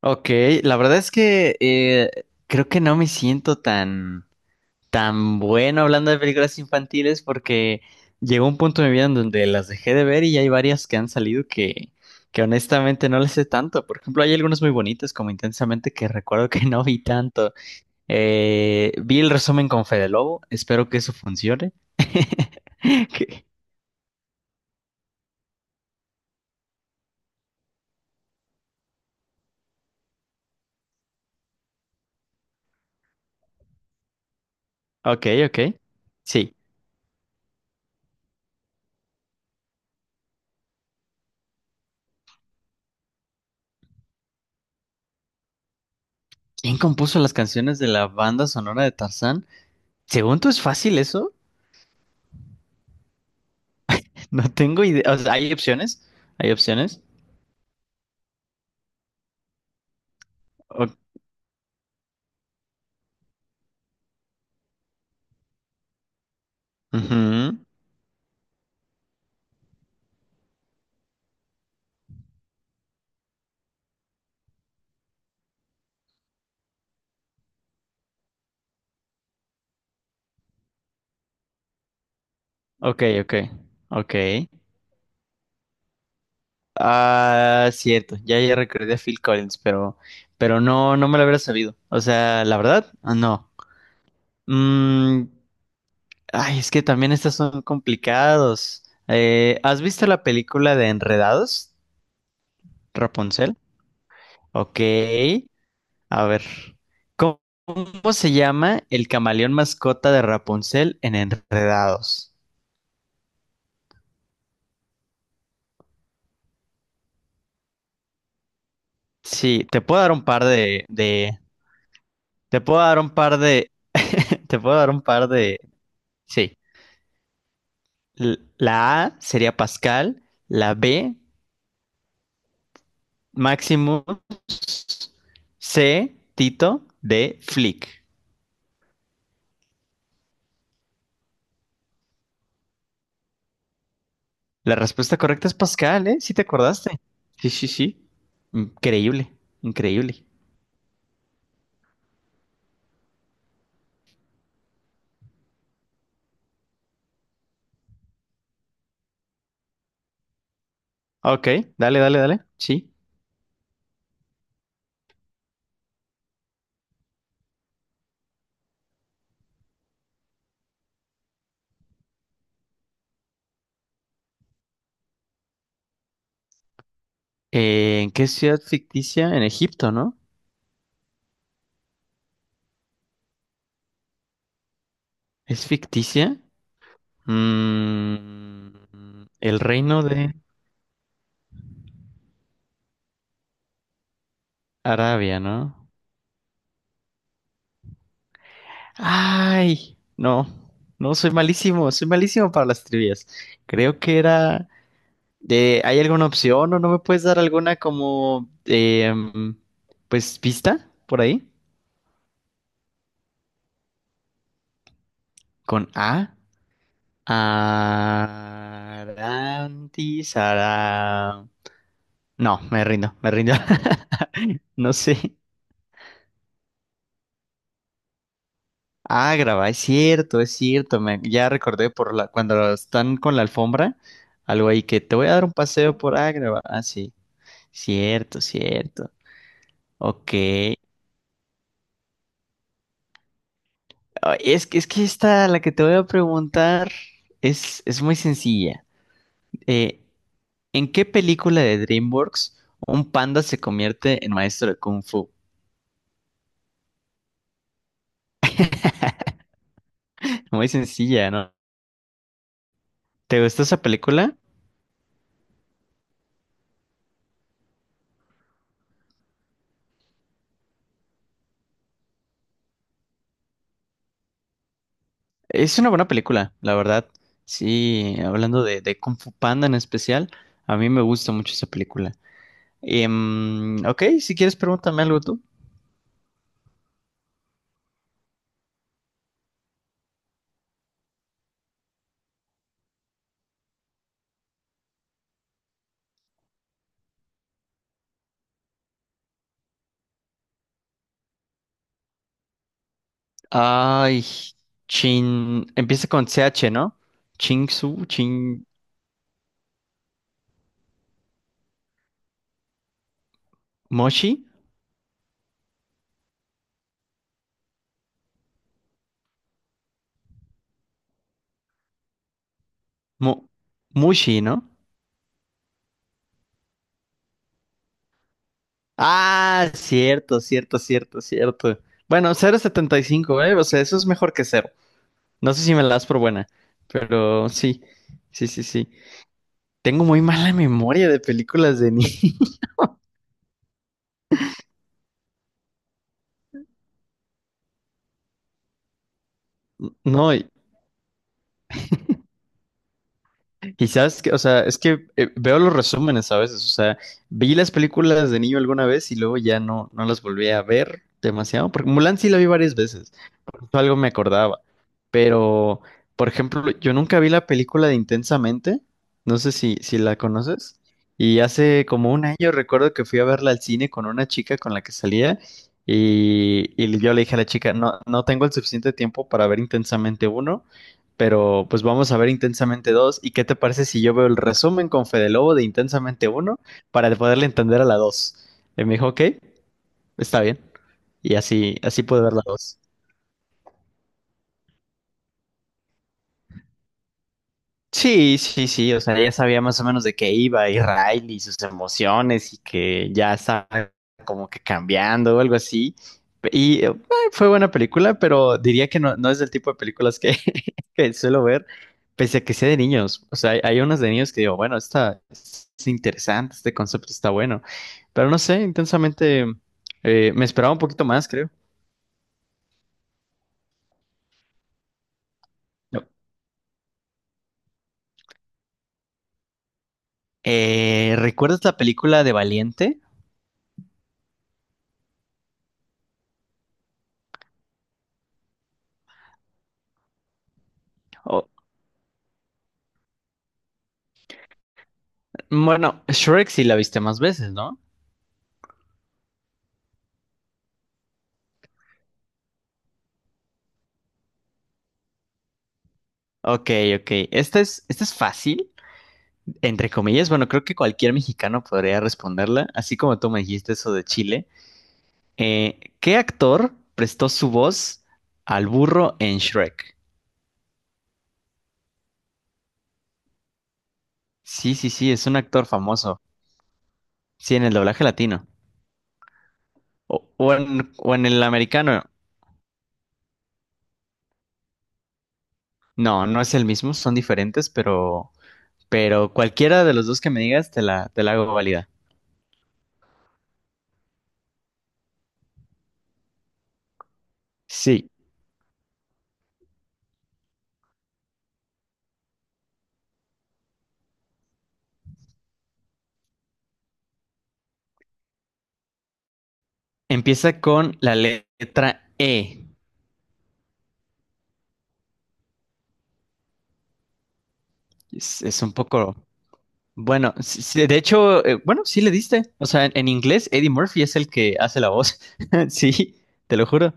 Ok, la verdad es que creo que no me siento tan bueno hablando de películas infantiles porque llegó un punto de mi vida en donde las dejé de ver y hay varias que han salido que honestamente no les sé tanto. Por ejemplo, hay algunas muy bonitas como Intensamente que recuerdo que no vi tanto. Vi el resumen con Fede Lobo, espero que eso funcione. Que- Ok, ok. Sí. ¿Quién compuso las canciones de la banda sonora de Tarzán? Según tú es fácil eso. No tengo idea. O sea, ¿hay opciones? ¿Hay opciones? O- Ujú. Ok, ok. Ah, cierto. Ya, ya recordé a Phil Collins, pero no me lo hubiera sabido. O sea, la verdad, ah, no. Mm, ay, es que también estas son complicados. ¿Has visto la película de Enredados? Rapunzel. Ok. A ver. ¿Cómo, ¿cómo se llama el camaleón mascota de Rapunzel en Enredados? Sí, te puedo dar un par de, te puedo dar un par de, te puedo dar un par de, sí. La A sería Pascal, la B, Maximus, C, Tito, D, Flick. La respuesta correcta es Pascal, ¿eh? Sí te acordaste. Sí, sí. Increíble, increíble. Ok, dale, dale. Sí. ¿En qué ciudad ficticia? En Egipto, ¿no? ¿Es ficticia? Mm, el reino de... Arabia, ¿no? Ay, no, soy malísimo para las trivias. Creo que era de, ¿hay alguna opción o no me puedes dar alguna como, pues, pista por ahí? Con A. Arantis, ara- No, me rindo, me rindo. No sé. Ah, grabá, es cierto, es cierto. Ya recordé por la, cuando están con la alfombra, algo ahí que te voy a dar un paseo por Ágrava. Ah, sí, cierto, cierto. Ok. Ah, es que, es que esta, la que te voy a preguntar, es muy sencilla. Eh, ¿En qué película de DreamWorks un panda se convierte en maestro de Kung Fu? Muy sencilla, ¿no? ¿Te gustó esa película? Es una buena película, la verdad. Sí, hablando de Kung Fu Panda en especial, a mí me gusta mucho esa película. Ok, si quieres pregúntame algo tú. Ay, Chin, empieza con C H, ¿no? Chingsu, Chin, Moshi, Mo- Mushi, ¿no? Ah, cierto, cierto. Bueno, 0,75, ¿eh? O sea, eso es mejor que cero. No sé si me la das por buena, pero sí, sí, sí. Tengo muy mala memoria de películas de niño. No, y sabes que, o sea, es que veo los resúmenes a veces, o sea, vi las películas de niño alguna vez y luego ya no las volví a ver demasiado, porque Mulan sí la vi varias veces. Justo algo me acordaba. Pero, por ejemplo, yo nunca vi la película de Intensamente. No sé si, si la conoces. Y hace como 1 año recuerdo que fui a verla al cine con una chica con la que salía. Y yo le dije a la chica, no tengo el suficiente tiempo para ver Intensamente 1, pero pues vamos a ver Intensamente 2. ¿Y qué te parece si yo veo el resumen con Fede Lobo de Intensamente 1 para poderle entender a la 2? Y me dijo, ok, está bien. Y así, así pude ver la 2. Sí, sí, o sea, ya sabía más o menos de qué iba y Riley y sus emociones y que ya estaba como que cambiando o algo así. Y fue buena película, pero diría que no es del tipo de películas que, que suelo ver, pese a que sea de niños. O sea, hay unas de niños que digo, bueno, esta es interesante, este concepto está bueno, pero no sé, intensamente me esperaba un poquito más, creo. No. ¿Recuerdas la película de Valiente? O- bueno, Shrek sí la viste más veces, ¿no? Ok, ok. Esta es fácil, entre comillas. Bueno, creo que cualquier mexicano podría responderla, así como tú me dijiste eso de Chile. ¿Qué actor prestó su voz al burro en Shrek? Sí, sí, es un actor famoso. Sí, en el doblaje latino. O en el americano. No, no es el mismo, son diferentes, pero cualquiera de los dos que me digas te la hago válida. Sí, empieza con la letra E. Es un poco... Bueno, sí, de hecho, bueno, sí le diste. O sea, en inglés Eddie Murphy es el que hace la voz. Sí, te lo juro.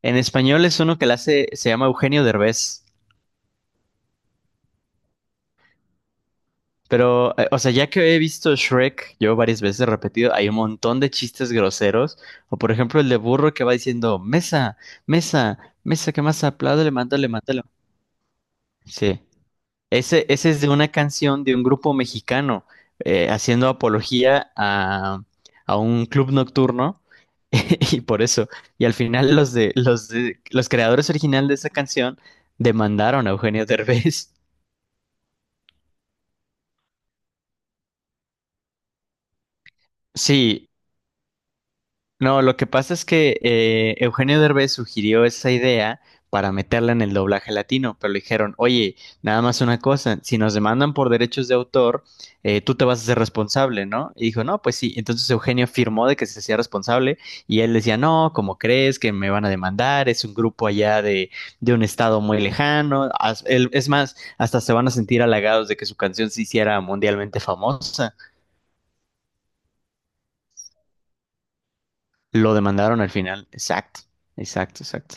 En español es uno que la hace, se llama Eugenio Derbez. Pero, o sea, ya que he visto Shrek yo varias veces repetido, hay un montón de chistes groseros. O por ejemplo, el de burro que va diciendo, mesa, mesa, que más aplaude, le mándale, mándale. Sí. Ese es de una canción de un grupo mexicano haciendo apología a un club nocturno y por eso. Y al final los de los creadores originales de esa canción demandaron a Eugenio Derbez. Sí, no, lo que pasa es que Eugenio Derbez sugirió esa idea para meterla en el doblaje latino, pero le dijeron, oye, nada más una cosa, si nos demandan por derechos de autor, tú te vas a ser responsable, ¿no? Y dijo, no, pues sí. Entonces Eugenio firmó de que se hacía responsable y él decía, no, ¿cómo crees que me van a demandar? Es un grupo allá de un estado muy lejano. Es más, hasta se van a sentir halagados de que su canción se hiciera mundialmente famosa. Lo demandaron al final. Exacto, exacto, exacto.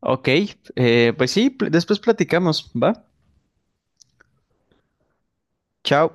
Ok, pues sí, después platicamos, ¿va? Chao.